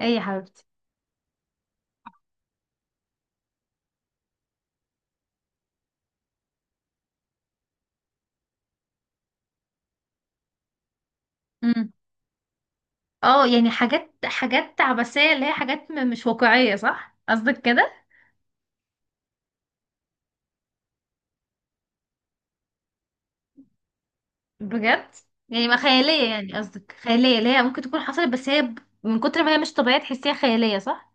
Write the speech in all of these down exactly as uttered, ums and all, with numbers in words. ايه يا حبيبتي؟ امم. اه، يعني حاجات حاجات عبثية، اللي هي حاجات م- مش واقعية، صح؟ قصدك كده؟ بجد؟ يعني ما خيالية، يعني قصدك خيالية اللي هي ممكن تكون حصلت، بس هي ب- من كتر ما هي مش طبيعية تحسيها خيالية، صح؟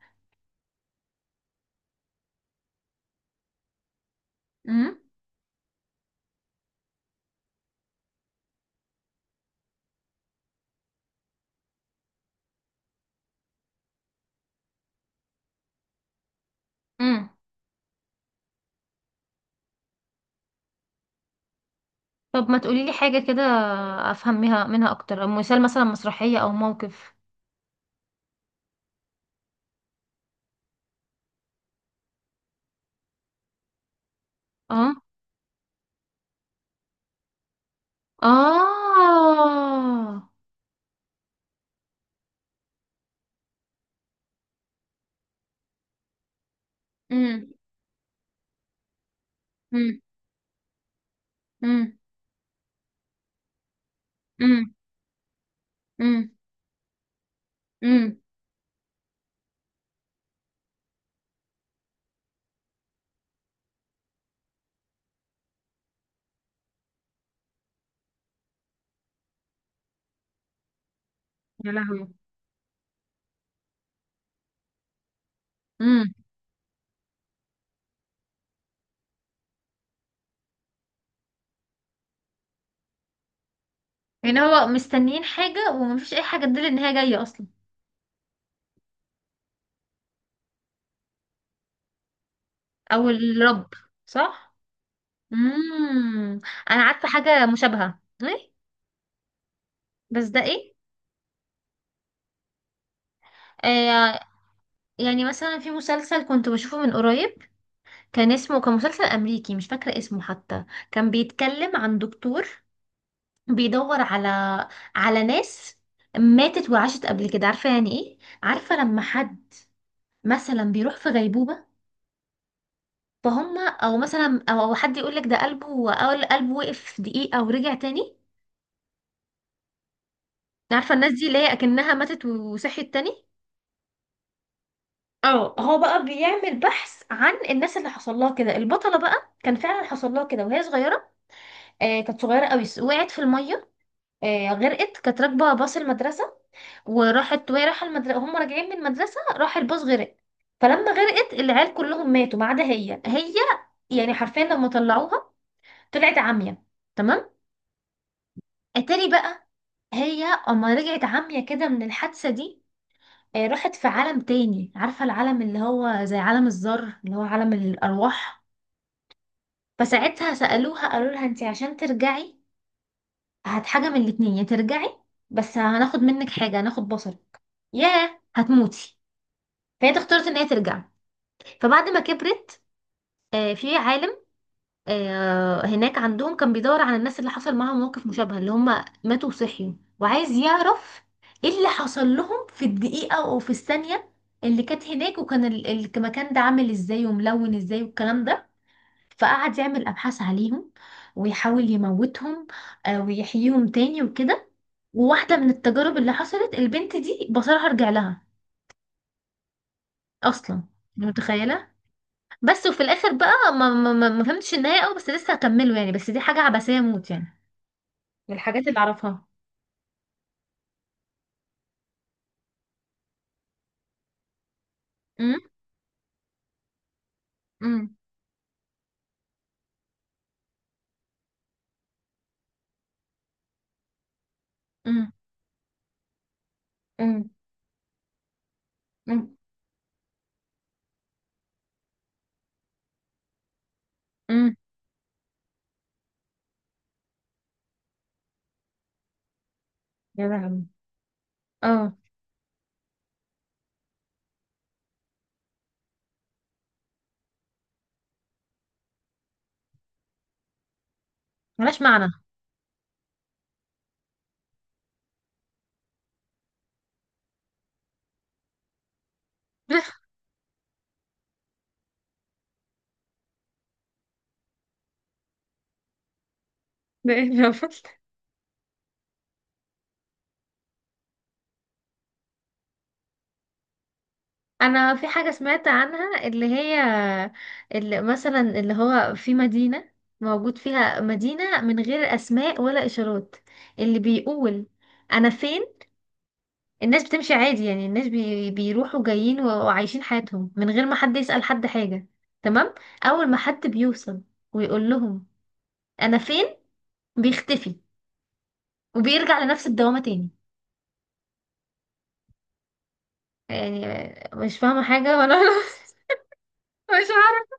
امم. امم. طب ما تقولي لي حاجة كده افهمها منها اكتر، أو مثال، مثلا مسرحية او موقف. اه. اه. امم. امم. امم. امم. امم. يا لهوي! يعني هو مستنيين حاجة ومفيش أي حاجة تدل إن هي جاية أصلا؟ أو الرب، صح؟ مم. أنا عارفة حاجة مشابهة، إيه؟ بس ده إيه؟ آه. يعني مثلا في مسلسل كنت بشوفه من قريب، كان اسمه كان مسلسل أمريكي مش فاكرة اسمه حتى. كان بيتكلم عن دكتور بيدور على على ناس ماتت وعاشت قبل كده، عارفة يعني إيه؟ عارفة لما حد مثلا بيروح في غيبوبة، فهم او مثلا او أو حد يقول لك ده قلبه، اول قلبه وقف دقيقة ورجع تاني. عارفة الناس دي اللي هي اكنها ماتت وصحيت تاني. اه، هو بقى بيعمل بحث عن الناس اللي حصل لها كده. البطلة بقى كان فعلا حصل لها كده وهي صغيرة. آه، كانت صغيرة قوي، وقعت في المية. آه، غرقت، كانت راكبة باص المدرسة، وراحت وهي رايحة المدرسة، هم راجعين من المدرسة راح الباص غرق. فلما غرقت العيال كلهم ماتوا ما عدا هي هي. يعني حرفيا لما طلعوها طلعت عامية، تمام؟ اتاري بقى هي اما رجعت عمية كده من الحادثة دي، آه، راحت في عالم تاني. عارفة العالم اللي هو زي عالم الذر، اللي هو عالم الأرواح. فساعتها سألوها، قالوا لها انتي عشان ترجعي هات حاجة من الاتنين، يا ترجعي بس هناخد منك حاجة، هناخد بصرك، يا هتموتي. فهي اختارت ان هي ترجع. فبعد ما كبرت، آه، في عالم، آه، هناك عندهم كان بيدور على الناس اللي حصل معاهم موقف مشابه، اللي هم ماتوا وصحيوا. وعايز يعرف ايه اللي حصل لهم في الدقيقة او في الثانية اللي كانت هناك، وكان ال- المكان ده عامل ازاي وملون ازاي والكلام ده. فقعد يعمل ابحاث عليهم ويحاول يموتهم، آه، ويحييهم تاني وكده. وواحدة من التجارب اللي حصلت، البنت دي بصرها رجع لها اصلا. أنت متخيلة؟ بس وفي الاخر بقى ما ما ما ما فهمتش النهاية قوي، بس لسه هكمله يعني. بس دي حاجة عبثية موت يعني، من الحاجات اللي اعرفها. امم. امم. امم. امم. امم. أمم. يا لهوي! اه، ملهاش معنى. ده ايه الرفض؟ انا في حاجه سمعت عنها، اللي هي اللي مثلا اللي هو في مدينه موجود فيها مدينه من غير اسماء ولا اشارات، اللي بيقول انا فين. الناس بتمشي عادي، يعني الناس بي بيروحوا جايين و- وعايشين حياتهم من غير ما حد يسأل حد حاجه، تمام؟ اول ما حد بيوصل ويقول لهم انا فين، بيختفي وبيرجع لنفس الدوامة تاني. يعني مش فاهمة حاجة ولا مش عارفة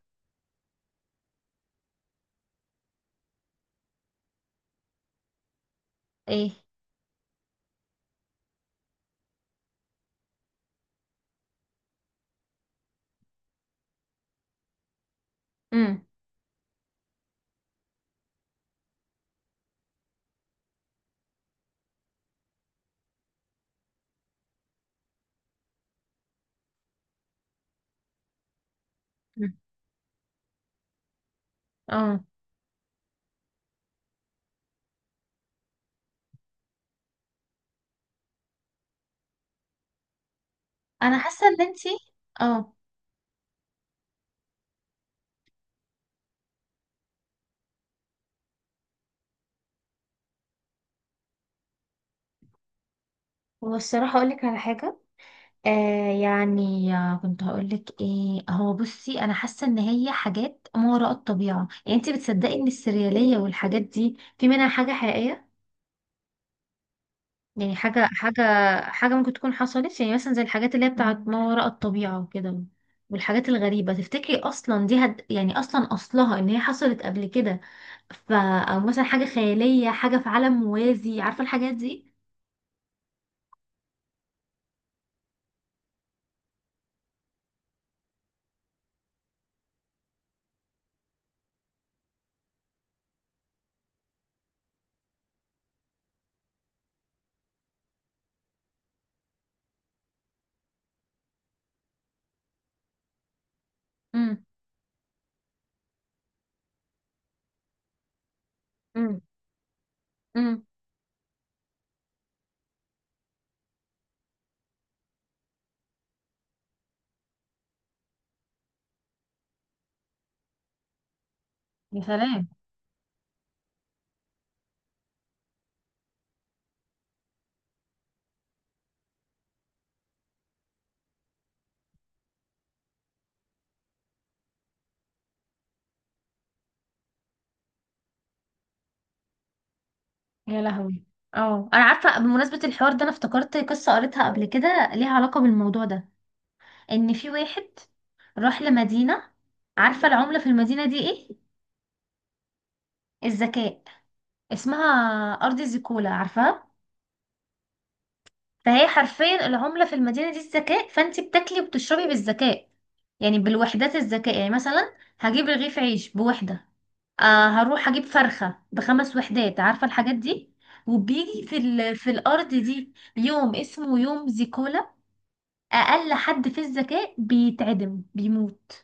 ايه. امم. مم. اه، انا حاسة ان انتي... اه، هو الصراحة اقولك على حاجة، آه يعني آه، كنت هقولك ايه؟ هو بصي، انا حاسة ان هي حاجات ما وراء الطبيعة. يعني انتي بتصدقي ان السريالية والحاجات دي في منها حاجة حقيقية؟ يعني حاجة حاجة حاجة ممكن تكون حصلت، يعني مثلا زي الحاجات اللي هي بتاعت ما وراء الطبيعة وكده، والحاجات الغريبة، تفتكري أصلا دي هد... يعني أصلا أصلها إن هي حصلت قبل كده؟ ف... أو مثلا حاجة خيالية، حاجة في عالم موازي، عارفة الحاجات دي؟ امم. امم. امم. يا سلام! يا لهوي! اه، انا عارفه بمناسبه الحوار ده، انا افتكرت قصه قريتها قبل كده ليها علاقه بالموضوع ده. ان في واحد راح لمدينه، عارفه العمله في المدينه دي ايه؟ الذكاء. اسمها ارض زيكولا، عارفاها؟ فهي حرفيا العمله في المدينه دي الذكاء، فانت بتاكلي وبتشربي بالذكاء، يعني بالوحدات الذكاء. يعني مثلا هجيب رغيف عيش بوحده، آه هروح اجيب فرخه بخمس وحدات، عارفه الحاجات دي؟ وبيجي في ال... في الارض دي يوم اسمه يوم زيكولا. اقل حد في الذكاء بيتعدم بيموت،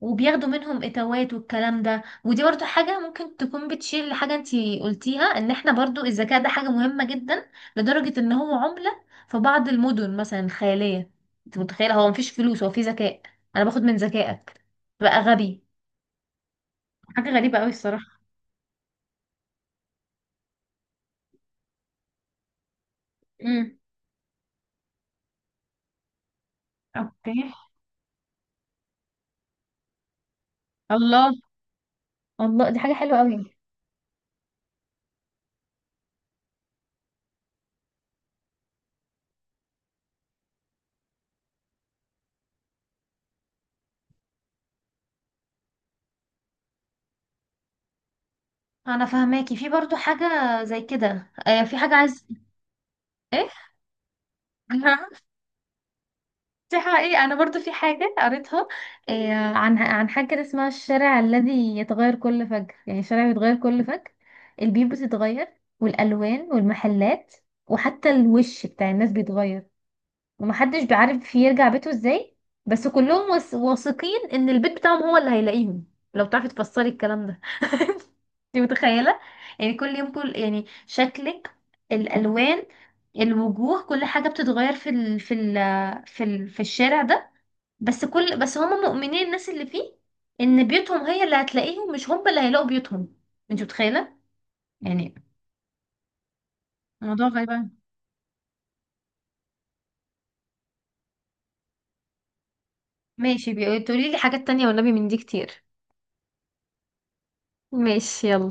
وبياخدوا منهم اتوات والكلام ده. ودي برضو حاجة ممكن تكون بتشير لحاجة انتي قلتيها، ان احنا برضو الذكاء ده حاجة مهمة جدا لدرجة ان هو عملة في بعض المدن مثلا الخيالية. انت متخيلة؟ هو مفيش فلوس، هو في ذكاء. انا باخد من ذكائك بقى غبي. حاجة غريبة قوي الصراحة. امم. اوكي. الله. الله، دي حاجة حلوة قوي. انا فهماكي. في برضو حاجة زي كده، آه في حاجة عايز... ايه؟ دي حقيقة. أنا برضو في حاجة قريتها، آه، عن عن حاجة كده اسمها الشارع الذي يتغير كل فجر. يعني الشارع بيتغير كل فجر، البيوت بتتغير، والألوان والمحلات، وحتى الوش بتاع الناس بيتغير، ومحدش بيعرف يرجع بيته ازاي. بس كلهم واث- واثقين ان البيت بتاعهم هو اللي هيلاقيهم. لو تعرفي تفسري الكلام ده. انت متخيلة؟ يعني كل يوم، كل يعني شكلك، الألوان، الوجوه، كل حاجة بتتغير في ال... في ال... في ال... في الشارع ده. بس كل بس هم مؤمنين الناس اللي فيه، ان بيوتهم هي اللي هتلاقيهم مش هم اللي هيلاقوا بيوتهم. انت متخيله؟ يعني... موضوع غريب أوي. ماشي، بيقولي لي حاجات تانية والنبي، من دي كتير. ماشي، يلا.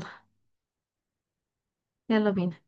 يلا بينا.